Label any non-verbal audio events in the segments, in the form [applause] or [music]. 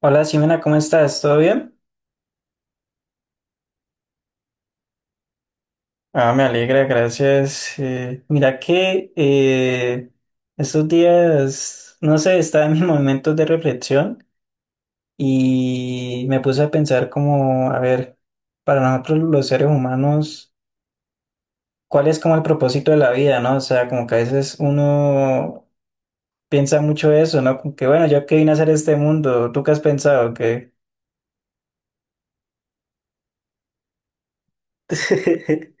Hola Simena, ¿cómo estás? ¿Todo bien? Ah, me alegra, gracias. Mira que estos días, no sé, estaba en mis momentos [laughs] de reflexión y me puse a pensar como, a ver, para nosotros los seres humanos, ¿cuál es como el propósito de la vida, no? O sea, como que a veces uno piensa mucho eso, ¿no? Como que bueno, yo qué vine a hacer a este mundo. ¿Tú qué has pensado? Que [laughs]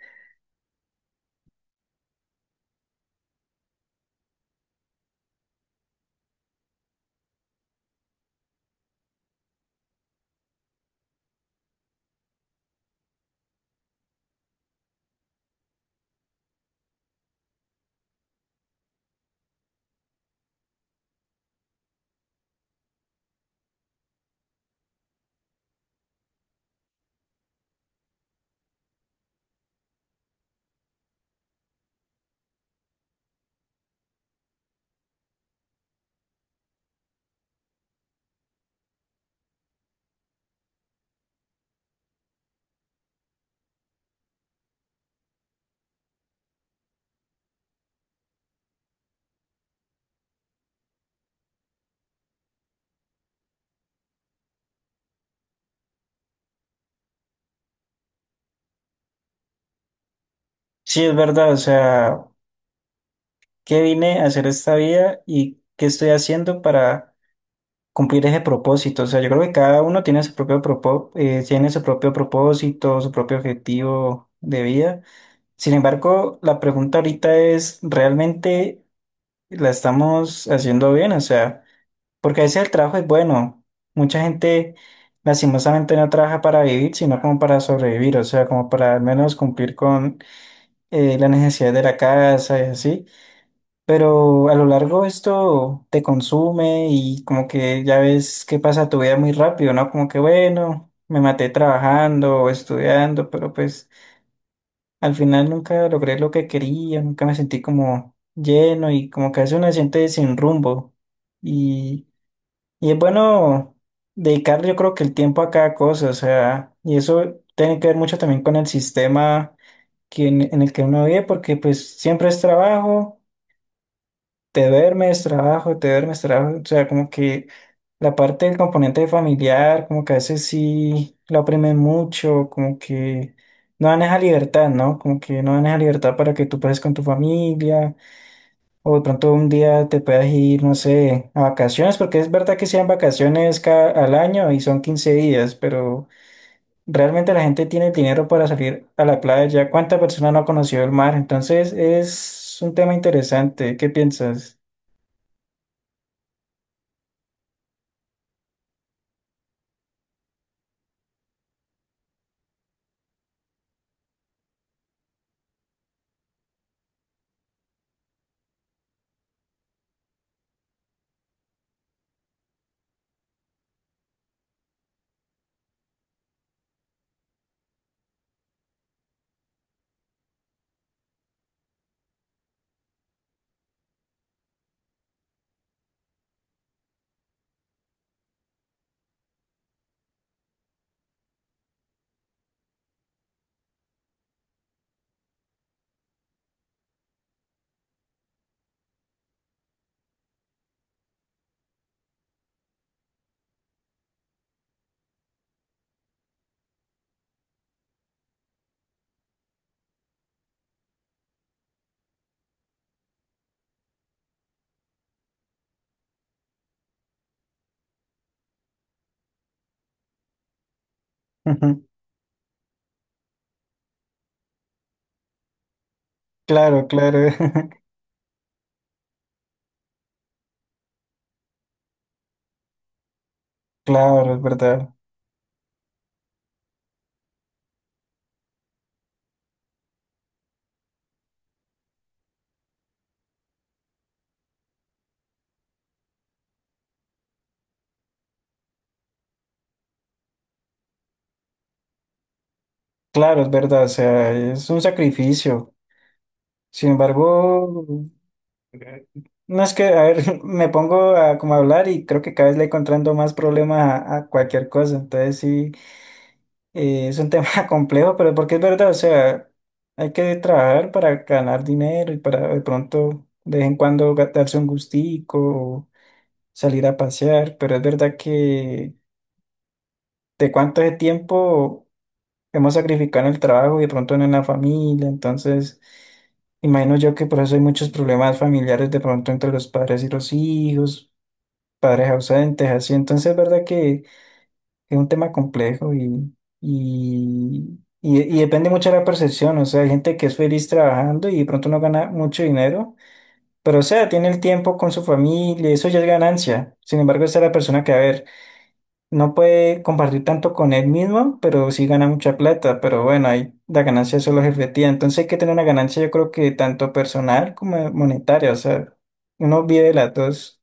Sí, es verdad, o sea, qué vine a hacer esta vida y qué estoy haciendo para cumplir ese propósito. O sea, yo creo que cada uno tiene su tiene su propio propósito, su propio objetivo de vida. Sin embargo, la pregunta ahorita es, ¿realmente la estamos haciendo bien? O sea, porque a veces el trabajo es bueno. Mucha gente lastimosamente no trabaja para vivir, sino como para sobrevivir, o sea, como para al menos cumplir con las necesidades de la casa y así. Pero a lo largo esto te consume y como que ya ves que pasa tu vida muy rápido, ¿no? Como que bueno, me maté trabajando o estudiando, pero pues al final nunca logré lo que quería, nunca me sentí como lleno y como que a veces uno se siente sin rumbo. Y, y es bueno dedicar yo creo que el tiempo a cada cosa, o sea, y eso tiene que ver mucho también con el sistema que en el que uno vive, porque pues siempre es trabajo, te duermes, trabajo, te duermes, trabajo. O sea, como que la parte del componente familiar, como que a veces sí lo oprimen mucho, como que no dan esa libertad, ¿no? Como que no dan esa libertad para que tú pases con tu familia, o de pronto un día te puedas ir, no sé, a vacaciones, porque es verdad que sean vacaciones cada, al año y son 15 días, pero realmente la gente tiene el dinero para salir a la playa. ¿Cuántas personas no ha conocido el mar? Entonces es un tema interesante, ¿qué piensas? [laughs] Claro, claro. [laughs] Claro, es verdad. Claro, es verdad. O sea, es un sacrificio. Sin embargo, eh, no es que, a ver, [laughs] me pongo a como a hablar y creo que cada vez le encontrando más problemas a cualquier cosa. Entonces sí, es un tema [laughs] complejo, pero porque es verdad. O sea, hay que trabajar para ganar dinero y para de pronto de vez en cuando darse un gustico o salir a pasear. Pero es verdad que de cuánto es tiempo hemos sacrificado en el trabajo y de pronto no en la familia. Entonces imagino yo que por eso hay muchos problemas familiares de pronto entre los padres y los hijos, padres ausentes, así. Entonces es verdad que es un tema complejo y depende mucho de la percepción. O sea, hay gente que es feliz trabajando y de pronto no gana mucho dinero, pero o sea, tiene el tiempo con su familia, eso ya es ganancia. Sin embargo, esa es la persona que, a ver, no puede compartir tanto con él mismo, pero sí gana mucha plata. Pero bueno, ahí la ganancia solo es efectiva. Entonces hay que tener una ganancia, yo creo que tanto personal como monetaria. O sea, uno vive las dos.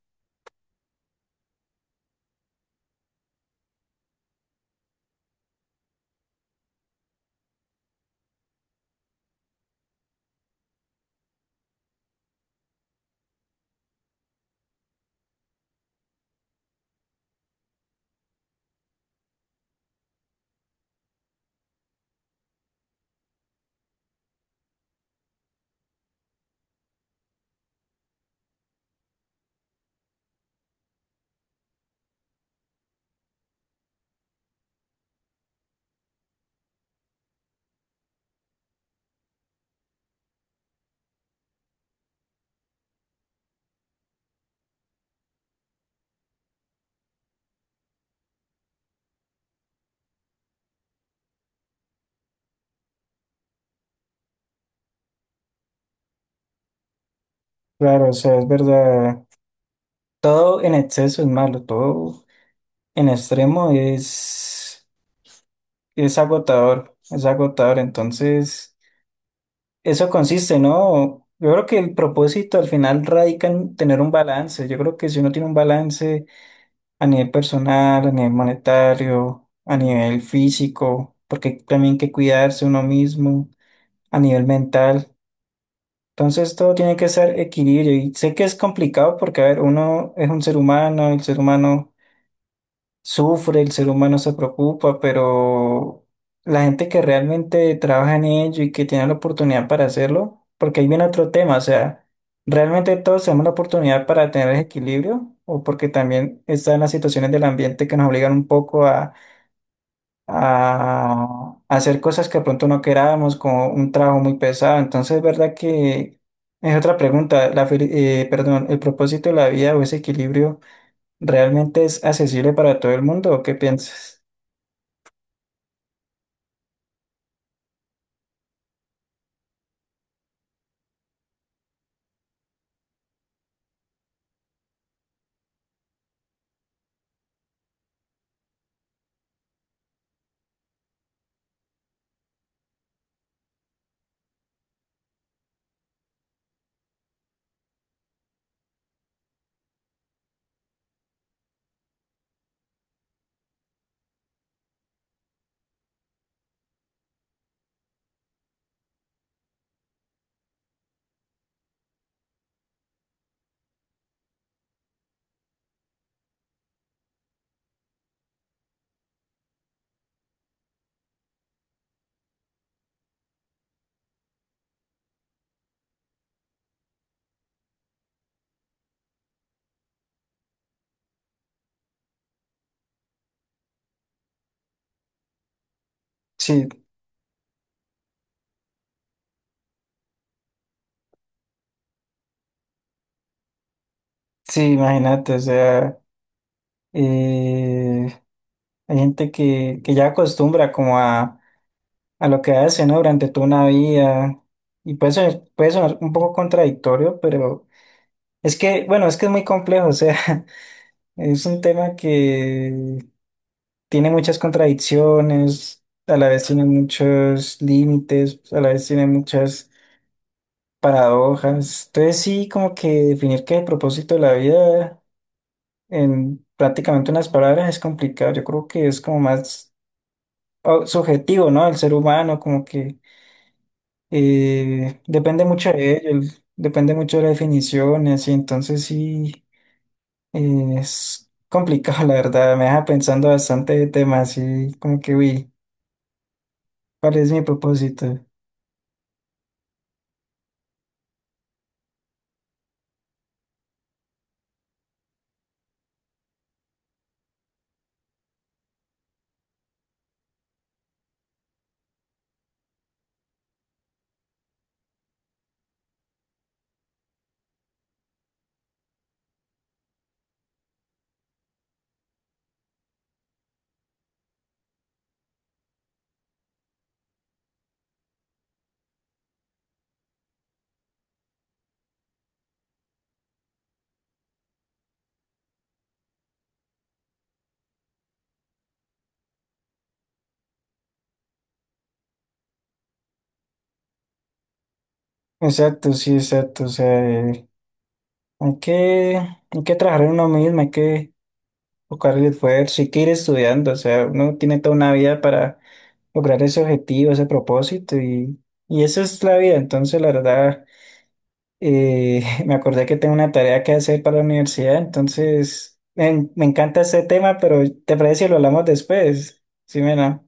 Claro, o sea, es verdad. Todo en exceso es malo, todo en extremo es agotador, es agotador. Entonces, eso consiste, ¿no? Yo creo que el propósito al final radica en tener un balance. Yo creo que si uno tiene un balance a nivel personal, a nivel monetario, a nivel físico, porque también hay que cuidarse uno mismo, a nivel mental. Entonces todo tiene que ser equilibrio y sé que es complicado porque, a ver, uno es un ser humano, el ser humano sufre, el ser humano se preocupa. Pero la gente que realmente trabaja en ello y que tiene la oportunidad para hacerlo, porque ahí viene otro tema, o sea, realmente todos tenemos la oportunidad para tener ese equilibrio, o porque también están las situaciones del ambiente que nos obligan un poco a hacer cosas que de pronto no queramos, como un trabajo muy pesado. Entonces es verdad que es otra pregunta, perdón, el propósito de la vida o ese equilibrio. ¿Realmente es accesible para todo el mundo o qué piensas? Sí, sí, imagínate, o sea, eh, hay gente que ya acostumbra como a lo que hace, ¿no? Durante toda una vida y puede sonar un poco contradictorio, pero es que, bueno, es que es muy complejo, o sea, [laughs] es un tema que tiene muchas contradicciones, a la vez tiene muchos límites, a la vez tiene muchas paradojas. Entonces sí, como que definir qué es el propósito de la vida en prácticamente unas palabras es complicado. Yo creo que es como más subjetivo, ¿no? El ser humano, como que depende mucho de ello, depende mucho de las definiciones, y entonces sí es complicado, [laughs] la verdad. Me deja pensando bastante de temas y como que, uy, ¿cuál es mi propósito? Exacto, sí, exacto. O sea, hay que trabajar en uno mismo, hay que buscar el esfuerzo, sí que ir estudiando. O sea, uno tiene toda una vida para lograr ese objetivo, ese propósito, y esa es la vida. Entonces, la verdad, [laughs] me acordé que tengo una tarea que hacer para la universidad. Entonces me encanta este tema, pero ¿te parece si lo hablamos después? Sí, Mena.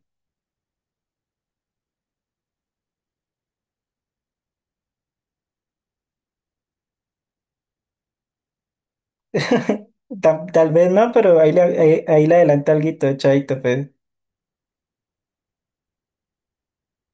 [laughs] Tal vez no, pero ahí le adelanto alguito, chaito, pues.